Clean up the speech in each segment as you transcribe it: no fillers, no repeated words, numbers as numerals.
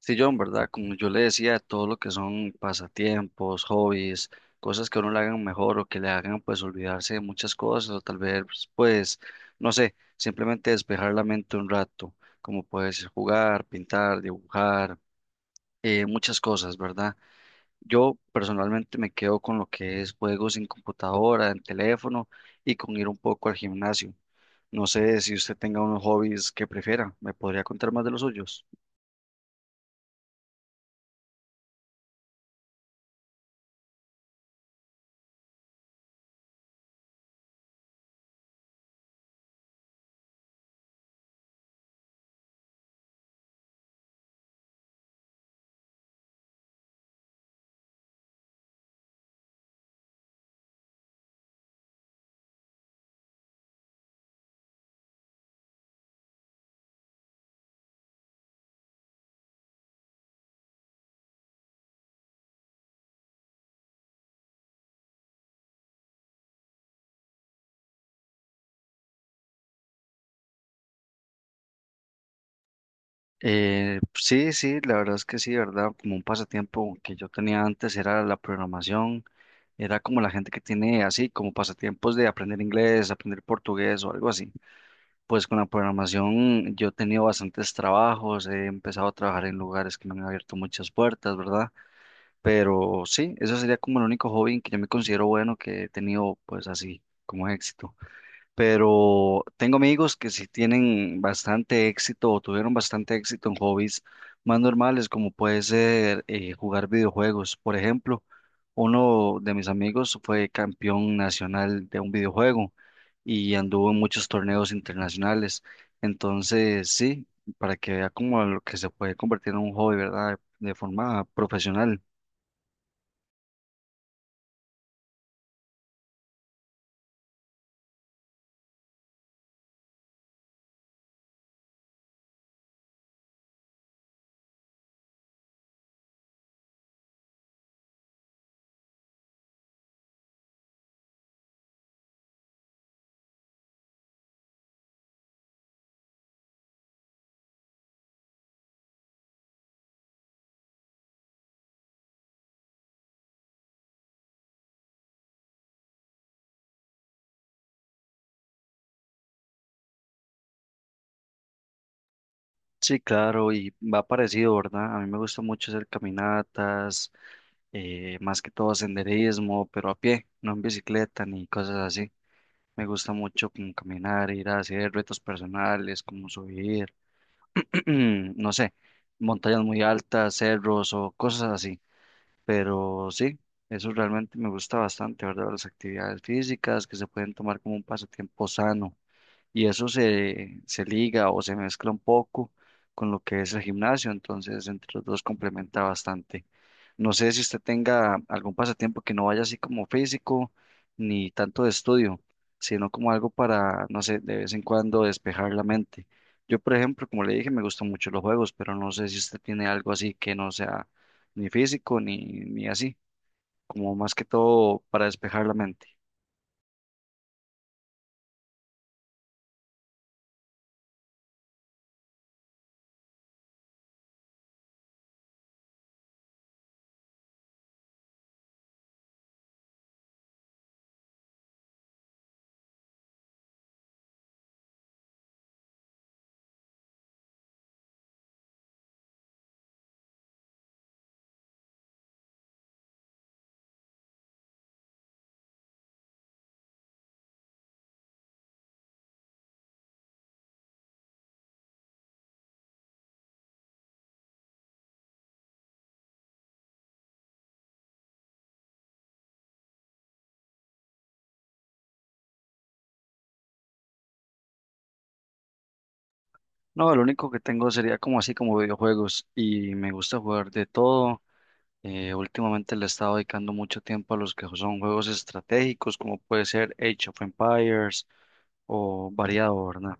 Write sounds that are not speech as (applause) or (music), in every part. Sí, John, ¿verdad? Como yo le decía, todo lo que son pasatiempos, hobbies, cosas que a uno le hagan mejor o que le hagan pues olvidarse de muchas cosas o tal vez pues, no sé, simplemente despejar la mente un rato, como puedes jugar, pintar, dibujar, muchas cosas, ¿verdad? Yo personalmente me quedo con lo que es juegos en computadora, en teléfono y con ir un poco al gimnasio. No sé si usted tenga unos hobbies que prefiera, ¿me podría contar más de los suyos? Sí, sí, la verdad es que sí, ¿verdad? Como un pasatiempo que yo tenía antes era la programación, era como la gente que tiene así, como pasatiempos de aprender inglés, aprender portugués o algo así. Pues con la programación yo he tenido bastantes trabajos, he empezado a trabajar en lugares que me han abierto muchas puertas, ¿verdad? Pero sí, eso sería como el único hobby en que yo me considero bueno que he tenido pues así como éxito, pero tengo amigos que sí tienen bastante éxito o tuvieron bastante éxito en hobbies más normales, como puede ser jugar videojuegos. Por ejemplo, uno de mis amigos fue campeón nacional de un videojuego y anduvo en muchos torneos internacionales. Entonces, sí, para que vea como lo que se puede convertir en un hobby, ¿verdad? De forma profesional. Sí, claro, y va parecido, ¿verdad? A mí me gusta mucho hacer caminatas más que todo senderismo, pero a pie, no en bicicleta ni cosas así. Me gusta mucho como caminar, ir a hacer retos personales, como subir, (clears throat) no sé, montañas muy altas, cerros o cosas así. Pero sí, eso realmente me gusta bastante, ¿verdad? Las actividades físicas que se pueden tomar como un pasatiempo sano y eso se liga o se mezcla un poco con lo que es el gimnasio, entonces entre los dos complementa bastante. No sé si usted tenga algún pasatiempo que no vaya así como físico ni tanto de estudio, sino como algo para, no sé, de vez en cuando despejar la mente. Yo, por ejemplo, como le dije, me gustan mucho los juegos, pero no sé si usted tiene algo así que no sea ni físico ni así, como más que todo para despejar la mente. No, lo único que tengo sería como así como videojuegos y me gusta jugar de todo. Últimamente le he estado dedicando mucho tiempo a los que son juegos estratégicos, como puede ser Age of Empires o variado, ¿verdad?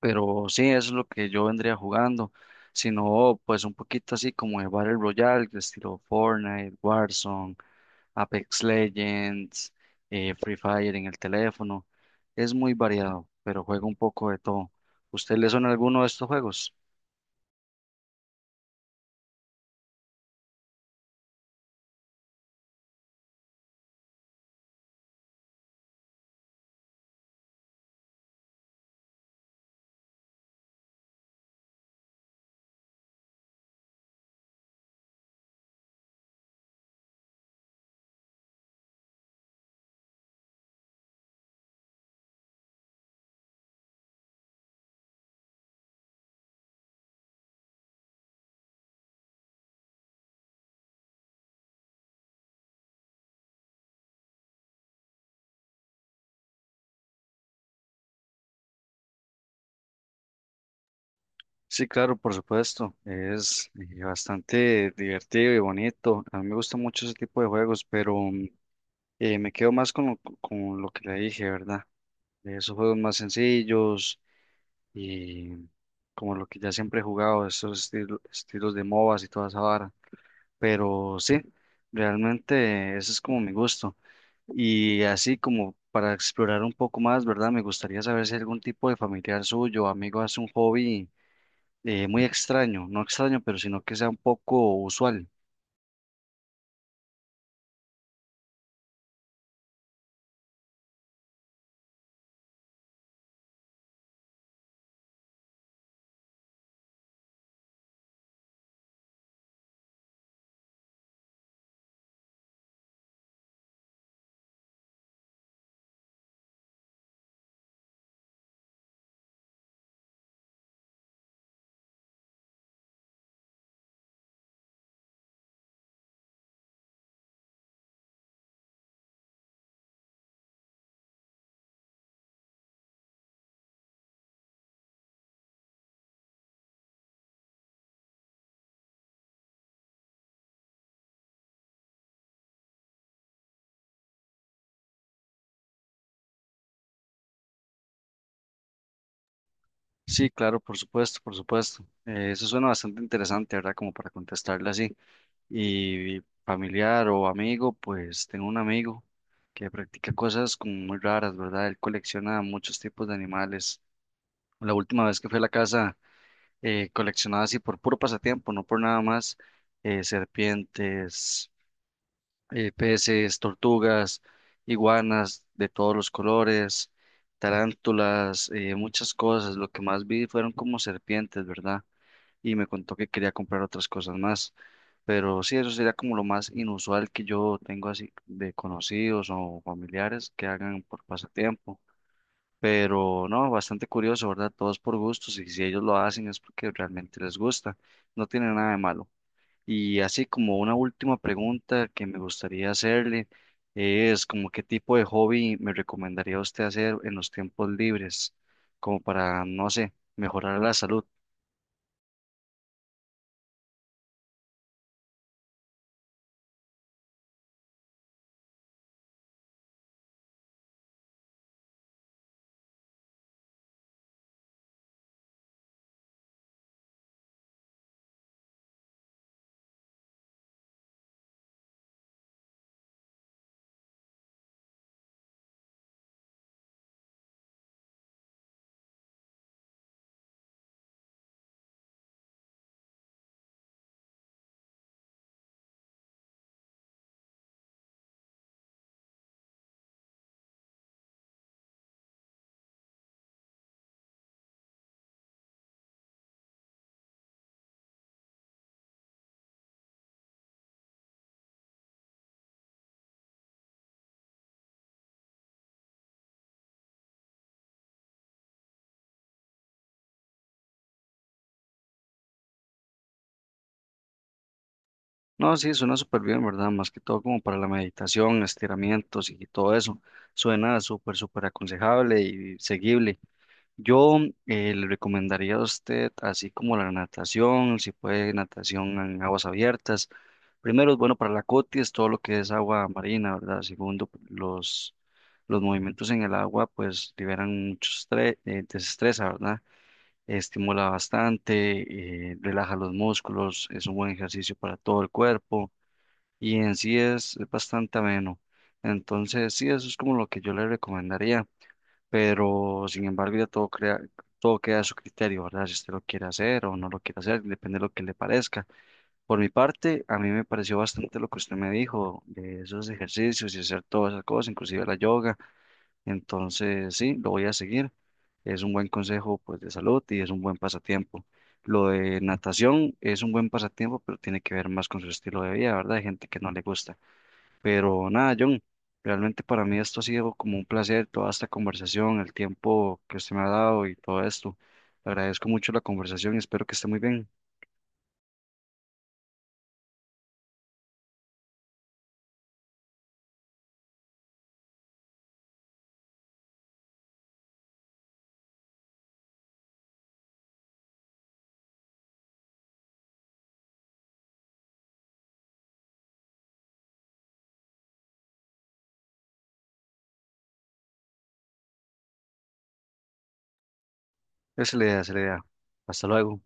Pero sí, eso es lo que yo vendría jugando. Sino, pues un poquito así como de Battle Royale, de estilo Fortnite, Warzone, Apex Legends, Free Fire en el teléfono. Es muy variado, pero juego un poco de todo. ¿Usted le suena alguno de estos juegos? Sí, claro, por supuesto. Es bastante divertido y bonito. A mí me gusta mucho ese tipo de juegos, pero me quedo más con lo que le dije, ¿verdad? De esos juegos más sencillos y como lo que ya siempre he jugado, esos estilos de MOBAs y toda esa vara. Pero sí, realmente ese es como mi gusto. Y así como para explorar un poco más, ¿verdad? Me gustaría saber si algún tipo de familiar suyo, o amigo, hace un hobby muy extraño, no extraño, pero sino que sea un poco usual. Sí, claro, por supuesto, por supuesto. Eso suena bastante interesante, ¿verdad? Como para contestarle así. Y familiar o amigo, pues tengo un amigo que practica cosas como muy raras, ¿verdad? Él colecciona muchos tipos de animales. La última vez que fui a la casa, coleccionaba así por puro pasatiempo, no por nada más, serpientes, peces, tortugas, iguanas de todos los colores, tarántulas, muchas cosas. Lo que más vi fueron como serpientes, ¿verdad? Y me contó que quería comprar otras cosas más. Pero sí, eso sería como lo más inusual que yo tengo así de conocidos o familiares que hagan por pasatiempo. Pero no, bastante curioso, ¿verdad? Todos por gustos y si ellos lo hacen es porque realmente les gusta. No tiene nada de malo. Y así como una última pregunta que me gustaría hacerle es como qué tipo de hobby me recomendaría usted hacer en los tiempos libres, como para, no sé, mejorar la salud. No, sí, suena súper bien, ¿verdad? Más que todo como para la meditación, estiramientos y todo eso. Suena súper, súper aconsejable y seguible. Yo le recomendaría a usted, así como la natación, si puede natación en aguas abiertas. Primero es bueno para la es todo lo que es agua marina, ¿verdad? Segundo, los movimientos en el agua pues liberan mucho estrés, desestresa, ¿verdad? Estimula bastante, relaja los músculos, es un buen ejercicio para todo el cuerpo y en sí es bastante ameno. Entonces, sí, eso es como lo que yo le recomendaría, pero sin embargo ya todo queda a su criterio, ¿verdad? Si usted lo quiere hacer o no lo quiere hacer, depende de lo que le parezca. Por mi parte, a mí me pareció bastante lo que usted me dijo de esos ejercicios y hacer todas esas cosas, inclusive la yoga. Entonces, sí, lo voy a seguir. Es un buen consejo, pues, de salud y es un buen pasatiempo. Lo de natación es un buen pasatiempo, pero tiene que ver más con su estilo de vida, ¿verdad? Hay gente que no le gusta. Pero nada, John, realmente para mí esto ha sido como un placer, toda esta conversación, el tiempo que usted me ha dado y todo esto. Le agradezco mucho la conversación y espero que esté muy bien. Esa es la idea, esa es la idea. Hasta luego.